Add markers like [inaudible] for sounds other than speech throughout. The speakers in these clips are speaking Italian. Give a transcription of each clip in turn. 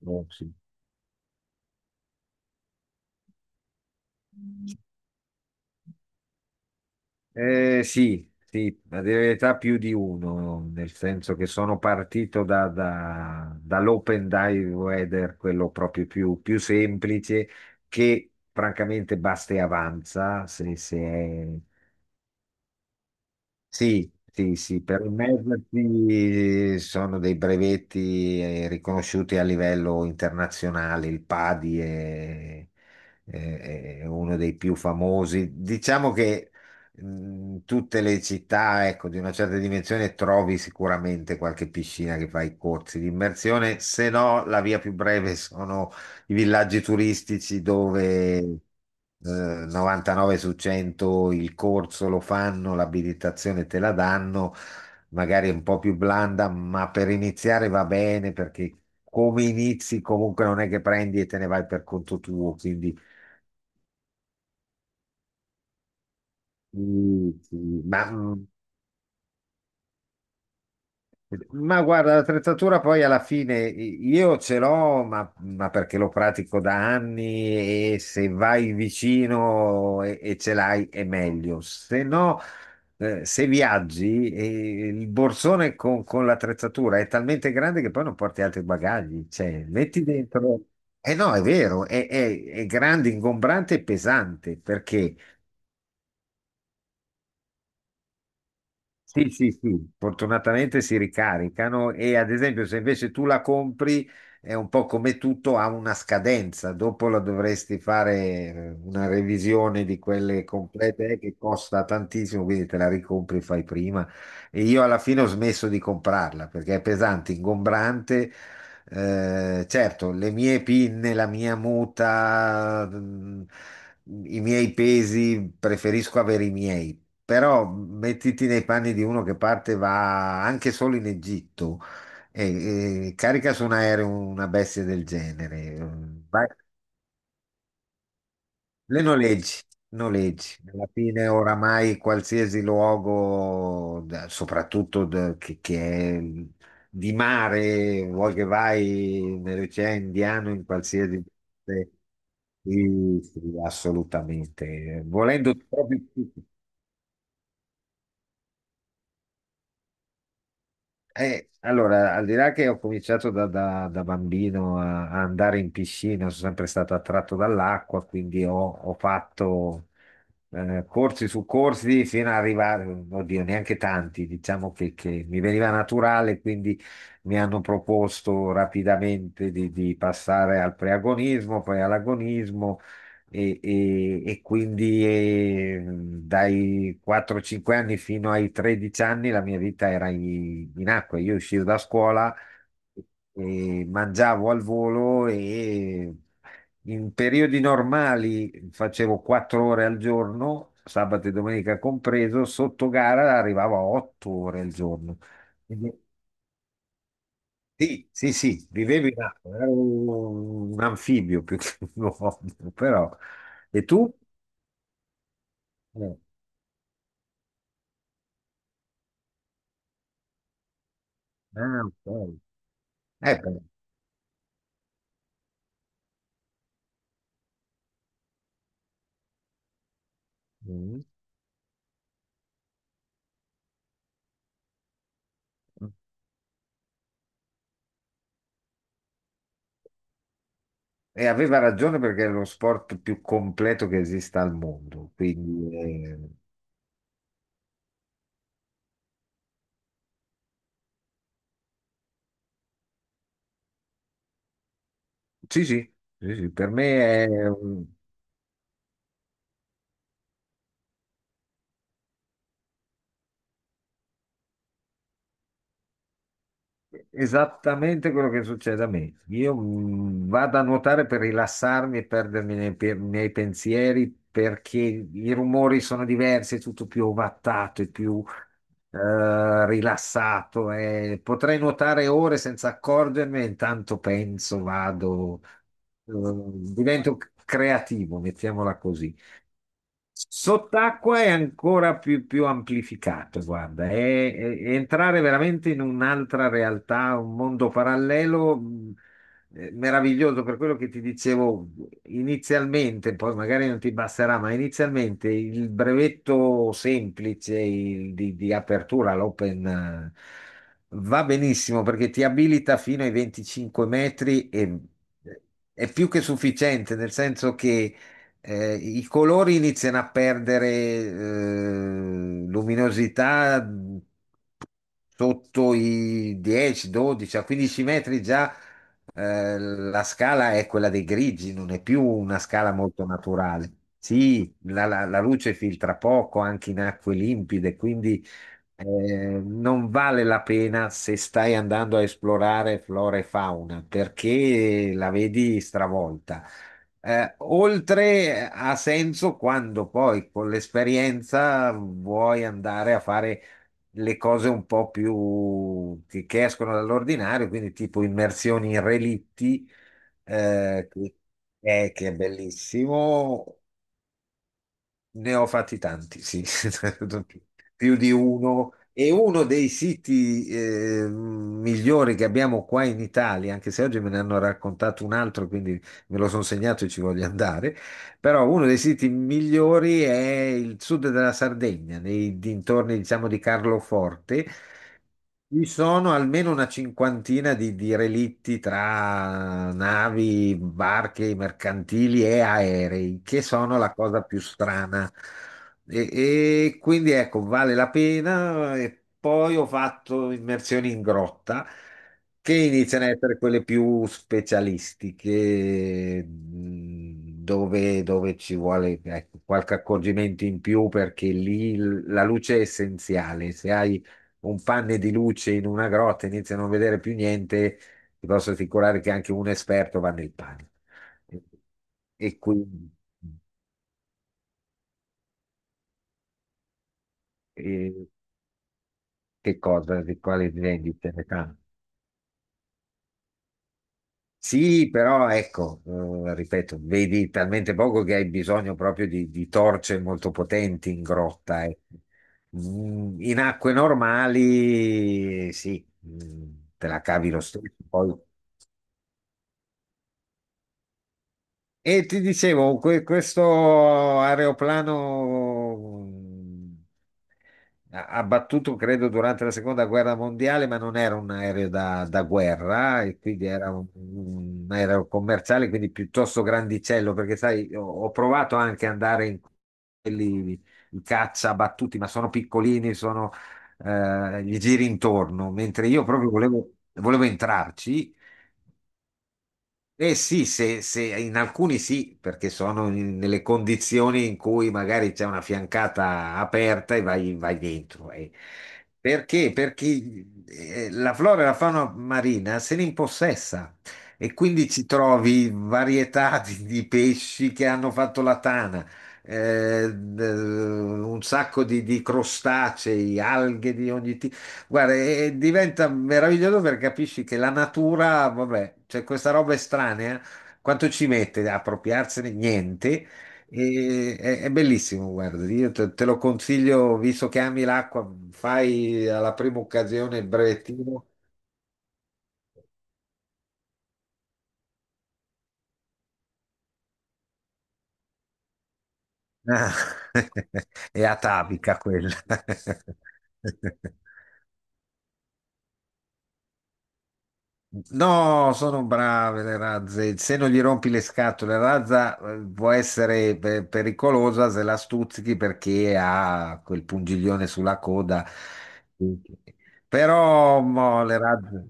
No, sì. Sì, sì, a dire la verità più di uno, nel senso che sono partito dall'open dive weather, quello proprio più semplice, che francamente basta e avanza se è. Sì, sì, sì, per immergersi sono dei brevetti riconosciuti a livello internazionale, il PADI è uno dei più famosi. Diciamo che tutte le città, ecco, di una certa dimensione trovi sicuramente qualche piscina che fa i corsi di immersione, se no la via più breve [laughs] i villaggi turistici dove 99 su 100 il corso lo fanno, l'abilitazione te la danno, magari è un po' più blanda, ma per iniziare va bene perché come inizi comunque non è che prendi e te ne vai per conto tuo, quindi mm, sì, ma mm, ma guarda, l'attrezzatura poi alla fine io ce l'ho, ma perché lo pratico da anni e se vai vicino e ce l'hai è meglio. Se no, se viaggi, il borsone con l'attrezzatura è talmente grande che poi non porti altri bagagli. Cioè, metti dentro. Eh no, è vero, è grande, ingombrante e pesante perché. Sì, sì, sì, fortunatamente si ricaricano e ad esempio se invece tu la compri è un po' come tutto, ha una scadenza, dopo la dovresti fare una revisione di quelle complete che costa tantissimo, quindi te la ricompri e fai prima. E io alla fine ho smesso di comprarla perché è pesante, ingombrante. Certo, le mie pinne, la mia muta, i miei pesi, preferisco avere i miei. Però mettiti nei panni di uno che parte, va anche solo in Egitto e carica su un aereo una bestia del genere. Vai- le noleggi, noleggi. Alla fine oramai qualsiasi luogo, soprattutto che è di mare, vuoi che vai nell'Oceano Indiano, in qualsiasi. Sì, sì, assolutamente. Volendo proprio. Allora, al di là che ho cominciato da bambino a andare in piscina, sono sempre stato attratto dall'acqua, quindi ho fatto corsi su corsi fino ad arrivare, oddio, neanche tanti, diciamo che mi veniva naturale, quindi mi hanno proposto rapidamente di passare al preagonismo, poi all'agonismo e quindi dai 4-5 anni fino ai 13 anni la mia vita era in acqua. Io uscivo da scuola e mangiavo al volo e in periodi normali facevo 4 ore al giorno, sabato e domenica compreso, sotto gara arrivavo a 8 ore al giorno. Quindi- Sì, sì, sì, vivevo in acqua, ero un anfibio più che un uomo, però. E tu? Eh, ah, ok. Però, mm. E aveva ragione perché è lo sport più completo che esista al mondo. Quindi, sì, sì, sì, sì, per me è Esattamente quello che succede a me. Io vado a nuotare per rilassarmi e perdermi nei pensieri perché i rumori sono diversi, è tutto più ovattato e più rilassato. E potrei nuotare ore senza accorgermene, intanto penso, vado, divento creativo, mettiamola così. Sott'acqua è ancora più amplificato, guarda, è entrare veramente in un'altra realtà, un mondo parallelo meraviglioso, per quello che ti dicevo inizialmente, poi magari non ti basterà, ma inizialmente il brevetto semplice il di apertura, l'open, va benissimo perché ti abilita fino ai 25 metri e è più che sufficiente, nel senso che i colori iniziano a perdere luminosità sotto i 10, 12, a 15 metri già la scala è quella dei grigi, non è più una scala molto naturale. Sì, la luce filtra poco anche in acque limpide, quindi eh, non vale la pena se stai andando a esplorare flora e fauna perché la vedi stravolta. Oltre ha senso quando poi con l'esperienza vuoi andare a fare le cose un po' più che escono dall'ordinario, quindi tipo immersioni in relitti, eh, che, che è bellissimo, ne ho fatti tanti, sì, [laughs] più di uno. E uno dei siti migliori che abbiamo qua in Italia, anche se oggi me ne hanno raccontato un altro, quindi me lo sono segnato e ci voglio andare, però uno dei siti migliori è il sud della Sardegna, nei dintorni, diciamo, di Carloforte. Ci sono almeno una cinquantina di relitti tra navi, barche, mercantili e aerei, che sono la cosa più strana. E quindi ecco, vale la pena. E poi ho fatto immersioni in grotta, che iniziano a essere quelle più specialistiche, dove ci vuole, ecco, qualche accorgimento in più, perché lì la luce è essenziale. Se hai un panne di luce in una grotta, inizi a non vedere più niente, ti posso assicurare che anche un esperto va nel panico. E quindi, eh, che cosa, di quale vendite ne parli? Sì, però ecco, ripeto, vedi talmente poco che hai bisogno proprio di torce molto potenti in grotta. Ecco. In acque normali, sì, te la cavi lo stesso. Poi e ti dicevo, questo aeroplano abbattuto credo durante la seconda guerra mondiale, ma non era un aereo da guerra, e quindi era un aereo commerciale, quindi piuttosto grandicello, perché sai, ho provato anche ad andare in quelli, i caccia abbattuti, ma sono piccolini, sono, gli giri intorno, mentre io proprio volevo, volevo entrarci. Eh sì, in alcuni sì, perché sono nelle condizioni in cui magari c'è una fiancata aperta e vai dentro. Eh. Perché? Perché la flora e la fauna marina se ne impossessa e quindi ci trovi varietà di pesci che hanno fatto la tana, un sacco di crostacei, alghe di ogni. Guarda, e diventa meraviglioso perché capisci che la natura, vabbè, c'è questa roba estranea, quanto ci mette a appropriarsene? Niente. È bellissimo, guarda, io te lo consiglio, visto che ami l'acqua, fai alla prima occasione il brevettino. Ah, [laughs] è atavica quella. [laughs] No, sono brave le razze. Se non gli rompi le scatole, la razza può essere pericolosa se la stuzzichi perché ha quel pungiglione sulla coda. Però mo, le razze.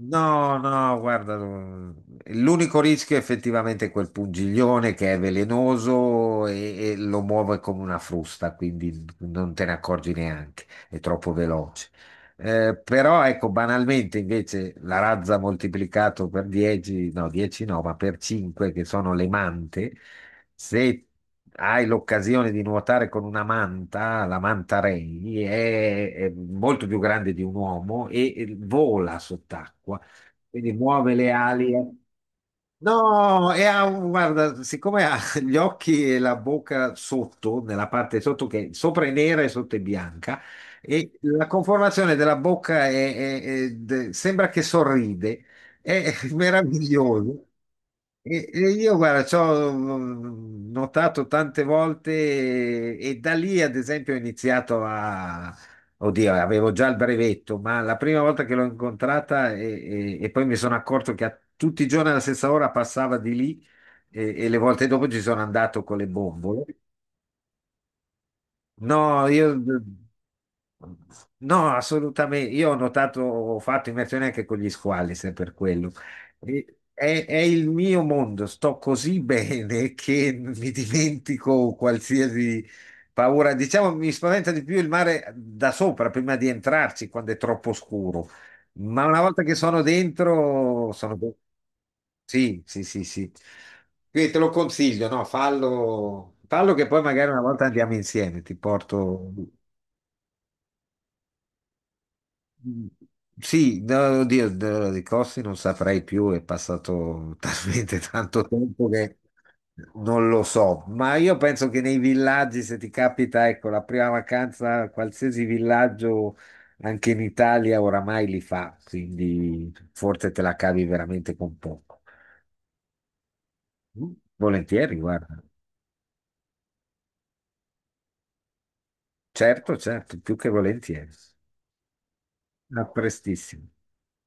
No, no, guarda, l'unico rischio è effettivamente quel pungiglione che è velenoso e lo muove come una frusta, quindi non te ne accorgi neanche, è troppo veloce. Però ecco, banalmente invece la razza moltiplicato per 10, no, 10 no, ma per 5 che sono le mante, se hai l'occasione di nuotare con una manta, la manta Ray è molto più grande di un uomo e vola sott'acqua, quindi muove le ali. Eh. No, e ha, guarda, siccome ha [laughs] gli occhi e la bocca sotto, nella parte sotto che sopra è nera e sotto è bianca, e la conformazione della bocca sembra che sorride, è [laughs] meraviglioso. E io, guarda, ci ho notato tante volte e da lì, ad esempio, ho iniziato a. Oddio, avevo già il brevetto, ma la prima volta che l'ho incontrata e poi mi sono accorto che a tutti i giorni alla stessa ora passava di lì e le volte dopo ci sono andato con le bombole. No, io no, assolutamente. Io ho notato, ho fatto immersione anche con gli squali, se per quello. E- è il mio mondo, sto così [laughs] bene che mi dimentico qualsiasi paura. Diciamo, mi spaventa di più il mare da sopra prima di entrarci quando è troppo scuro. Ma una volta che sono dentro, sono sì, sì, sì, sì. Quindi te lo consiglio, no? Fallo, fallo che poi magari una volta andiamo insieme, ti porto. Mm, sì, no, oddio, no, di costi non saprei più, è passato [laughs] talmente tanto tempo che non lo so, ma io penso che nei villaggi, se ti capita, ecco, la prima vacanza, qualsiasi villaggio, anche in Italia, oramai li fa, quindi forse te la cavi veramente con poco. Mm, volentieri, guarda. Certo, certo, più che volentieri. A prestissimo.